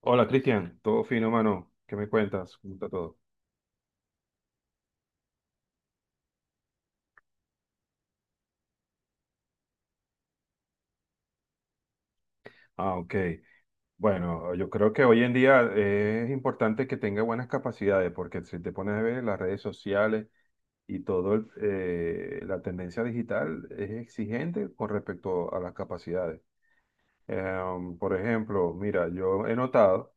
Hola Cristian, todo fino, mano. ¿Qué me cuentas? ¿Cómo está todo? Ah, ok. Bueno, yo creo que hoy en día es importante que tenga buenas capacidades, porque si te pones a ver las redes sociales y todo la tendencia digital es exigente con respecto a las capacidades. Por ejemplo, mira, yo he notado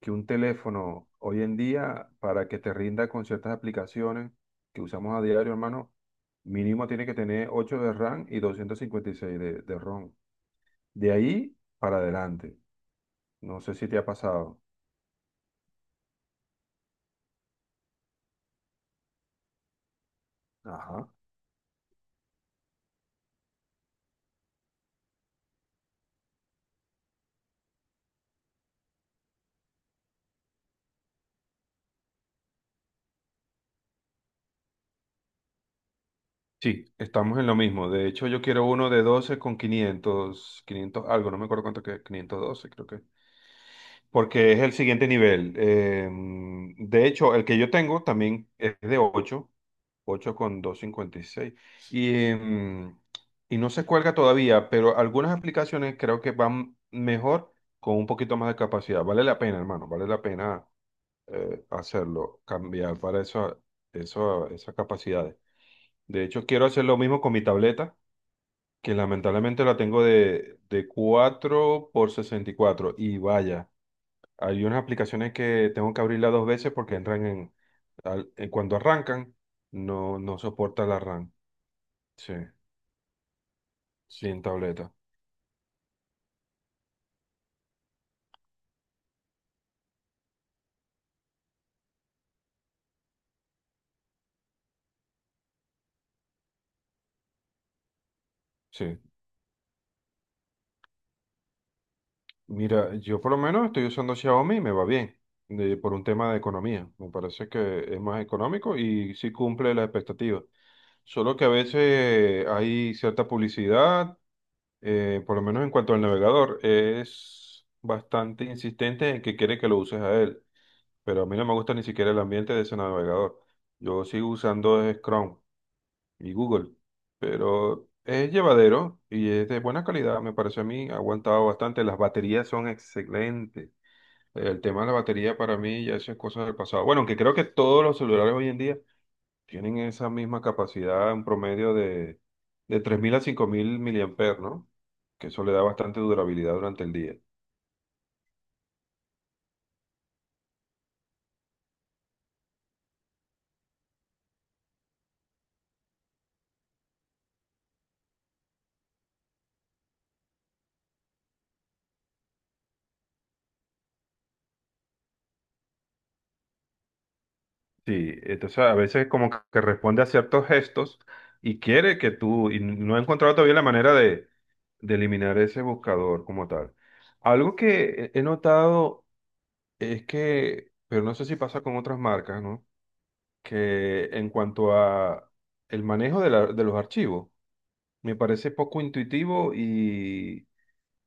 que un teléfono hoy en día, para que te rinda con ciertas aplicaciones que usamos a diario, hermano, mínimo tiene que tener 8 de RAM y 256 de ROM. De ahí para adelante. No sé si te ha pasado. Ajá. Sí, estamos en lo mismo. De hecho, yo quiero uno de 12 con quinientos algo, no me acuerdo cuánto que, 512 creo que, porque es el siguiente nivel. De hecho, el que yo tengo también es de ocho con doscientos cincuenta y seis. Y, em, y no se cuelga todavía, pero algunas aplicaciones creo que van mejor con un poquito más de capacidad. Vale la pena, hermano, vale la pena hacerlo, cambiar para esas capacidades. De hecho, quiero hacer lo mismo con mi tableta, que lamentablemente la tengo de 4 por 64 y vaya. Hay unas aplicaciones que tengo que abrirla dos veces porque entran en, cuando arrancan, no, no soporta la RAM. Sí, sí, en tableta. Sí. Mira, yo por lo menos estoy usando Xiaomi y me va bien, por un tema de economía. Me parece que es más económico y sí cumple la expectativa. Solo que a veces hay cierta publicidad, por lo menos en cuanto al navegador, es bastante insistente en que quiere que lo uses a él, pero a mí no me gusta ni siquiera el ambiente de ese navegador. Yo sigo usando es Chrome y Google, pero es llevadero y es de buena calidad, me parece a mí, ha aguantado bastante. Las baterías son excelentes. El tema de la batería para mí ya eso es cosa del pasado. Bueno, aunque creo que todos los celulares hoy en día tienen esa misma capacidad, un promedio de 3.000 a 5.000 miliamperes, ¿no? Que eso le da bastante durabilidad durante el día. Sí, entonces a veces como que responde a ciertos gestos y quiere que tú, y no he encontrado todavía la manera de eliminar ese buscador como tal. Algo que he notado es que, pero no sé si pasa con otras marcas, ¿no? Que en cuanto a el manejo de los archivos, me parece poco intuitivo y,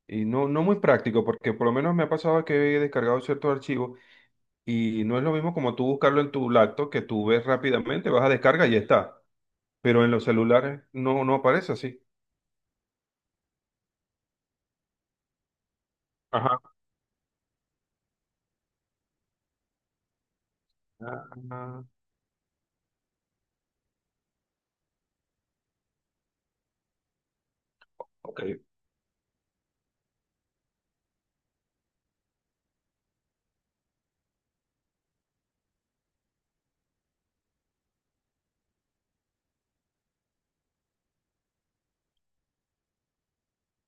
y no, no muy práctico, porque por lo menos me ha pasado que he descargado ciertos archivos. Y no es lo mismo como tú buscarlo en tu lacto que tú ves rápidamente, vas a descarga y ya está. Pero en los celulares no, no aparece así. Ajá. Ah, ok.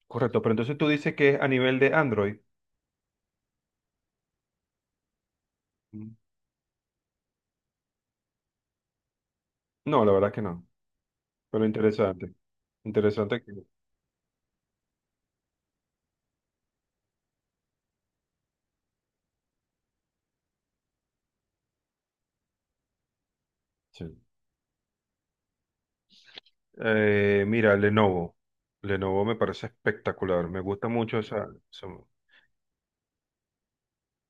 Correcto, pero entonces tú dices que es a nivel de Android. Mm. No, la verdad que no. Pero interesante. Interesante que. Sí. Mira, Lenovo. Lenovo me parece espectacular. Me gusta mucho.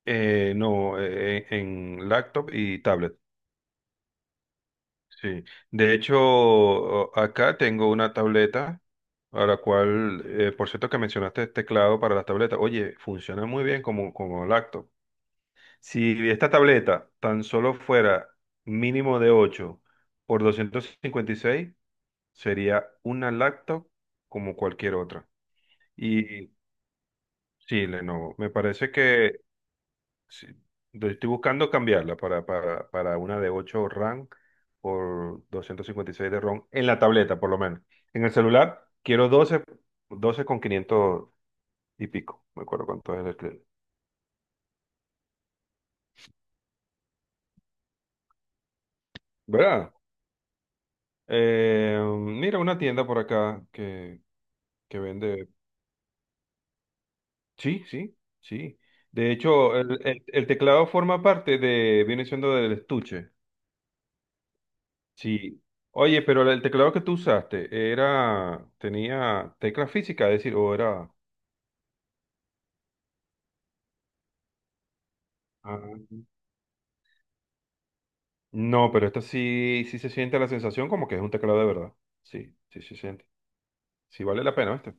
No, en laptop y tablet. Sí, de hecho, acá tengo una tableta a la cual, por cierto que mencionaste el teclado para las tabletas, oye, funciona muy bien como, como laptop. Si esta tableta tan solo fuera mínimo de 8 por 256 sería una laptop como cualquier otra. Y sí, Lenovo, me parece que sí. Entonces, estoy buscando cambiarla para una de 8 RAM por 256 de ROM en la tableta, por lo menos. En el celular quiero doce con 500 y pico. Me acuerdo cuánto es el que. ¿Verdad? Mira, una tienda por acá que vende. Sí, sí, sí. De hecho, el teclado forma parte de, viene siendo del estuche. Sí. Oye, pero el teclado que tú usaste era, tenía tecla física, es decir, ¿o era? Ah. No, pero esta sí, sí se siente la sensación como que es un teclado de verdad. Sí, sí se siente. Sí vale la pena, ¿viste?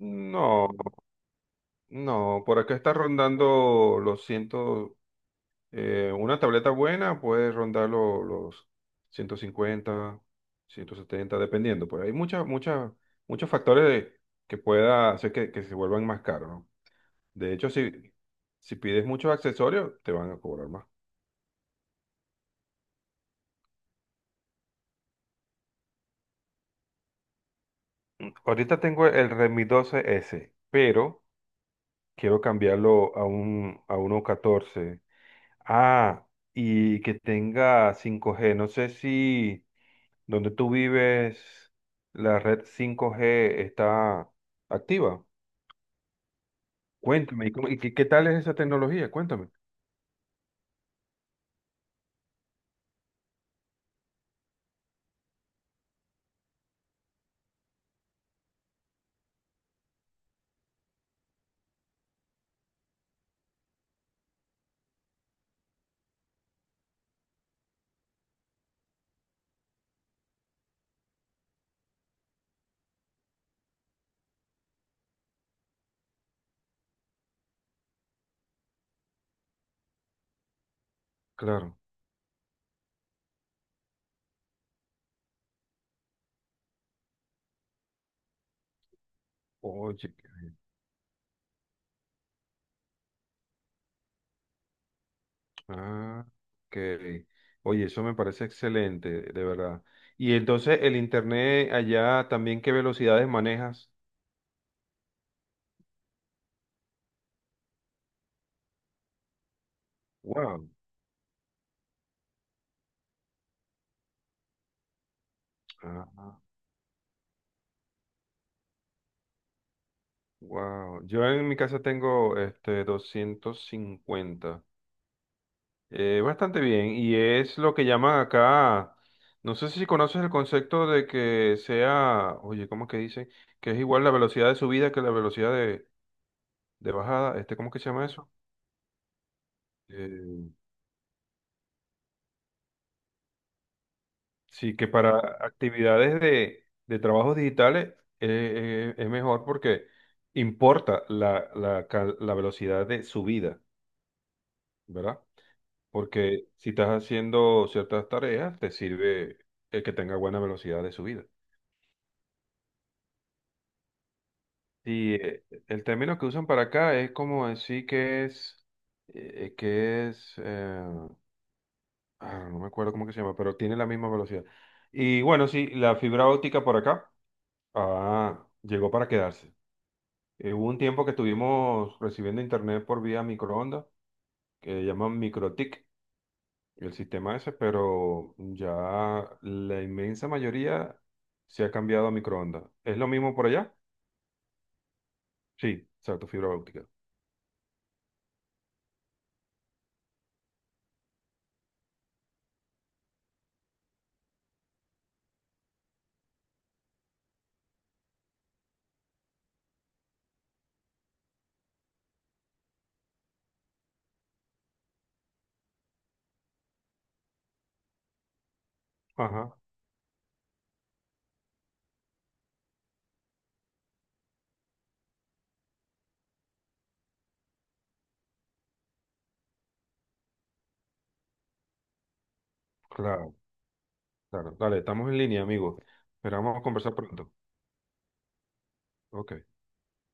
No, no, por acá está rondando. Una tableta buena puede rondar los 150, 170 dependiendo. Pues hay muchas, muchos factores que pueda hacer que se vuelvan más caros, ¿no? De hecho, si pides muchos accesorios, te van a cobrar más. Ahorita tengo el Redmi 12S, pero quiero cambiarlo a un a uno catorce. Ah, y que tenga 5G. No sé si donde tú vives la red 5G está activa. Cuéntame, y qué tal es esa tecnología? Cuéntame. Claro. Oye. Ah, ok. Oye, eso me parece excelente, de verdad. Y entonces el internet allá también, ¿qué velocidades manejas? Wow. Ah, wow. Yo en mi casa tengo este 250. Bastante bien. Y es lo que llaman acá. No sé si conoces el concepto de que sea, oye, ¿cómo es que dice? Que es igual la velocidad de subida que la velocidad de bajada. Este, ¿cómo que se llama eso? Eh, Sí, que para actividades de trabajos digitales es mejor porque importa la velocidad de subida, ¿verdad? Porque si estás haciendo ciertas tareas, te sirve el que tenga buena velocidad de subida. Y el término que usan para acá es como decir eh, que es, eh, no me acuerdo cómo que se llama, pero tiene la misma velocidad. Y bueno, sí, la fibra óptica por acá, llegó para quedarse. Hubo un tiempo que estuvimos recibiendo internet por vía microondas, que llaman MikroTik, el sistema ese, pero ya la inmensa mayoría se ha cambiado a microondas. ¿Es lo mismo por allá? Sí, exacto, fibra óptica. Ajá, claro, claro. Dale, estamos en línea, amigo. Esperamos conversar pronto. Ok.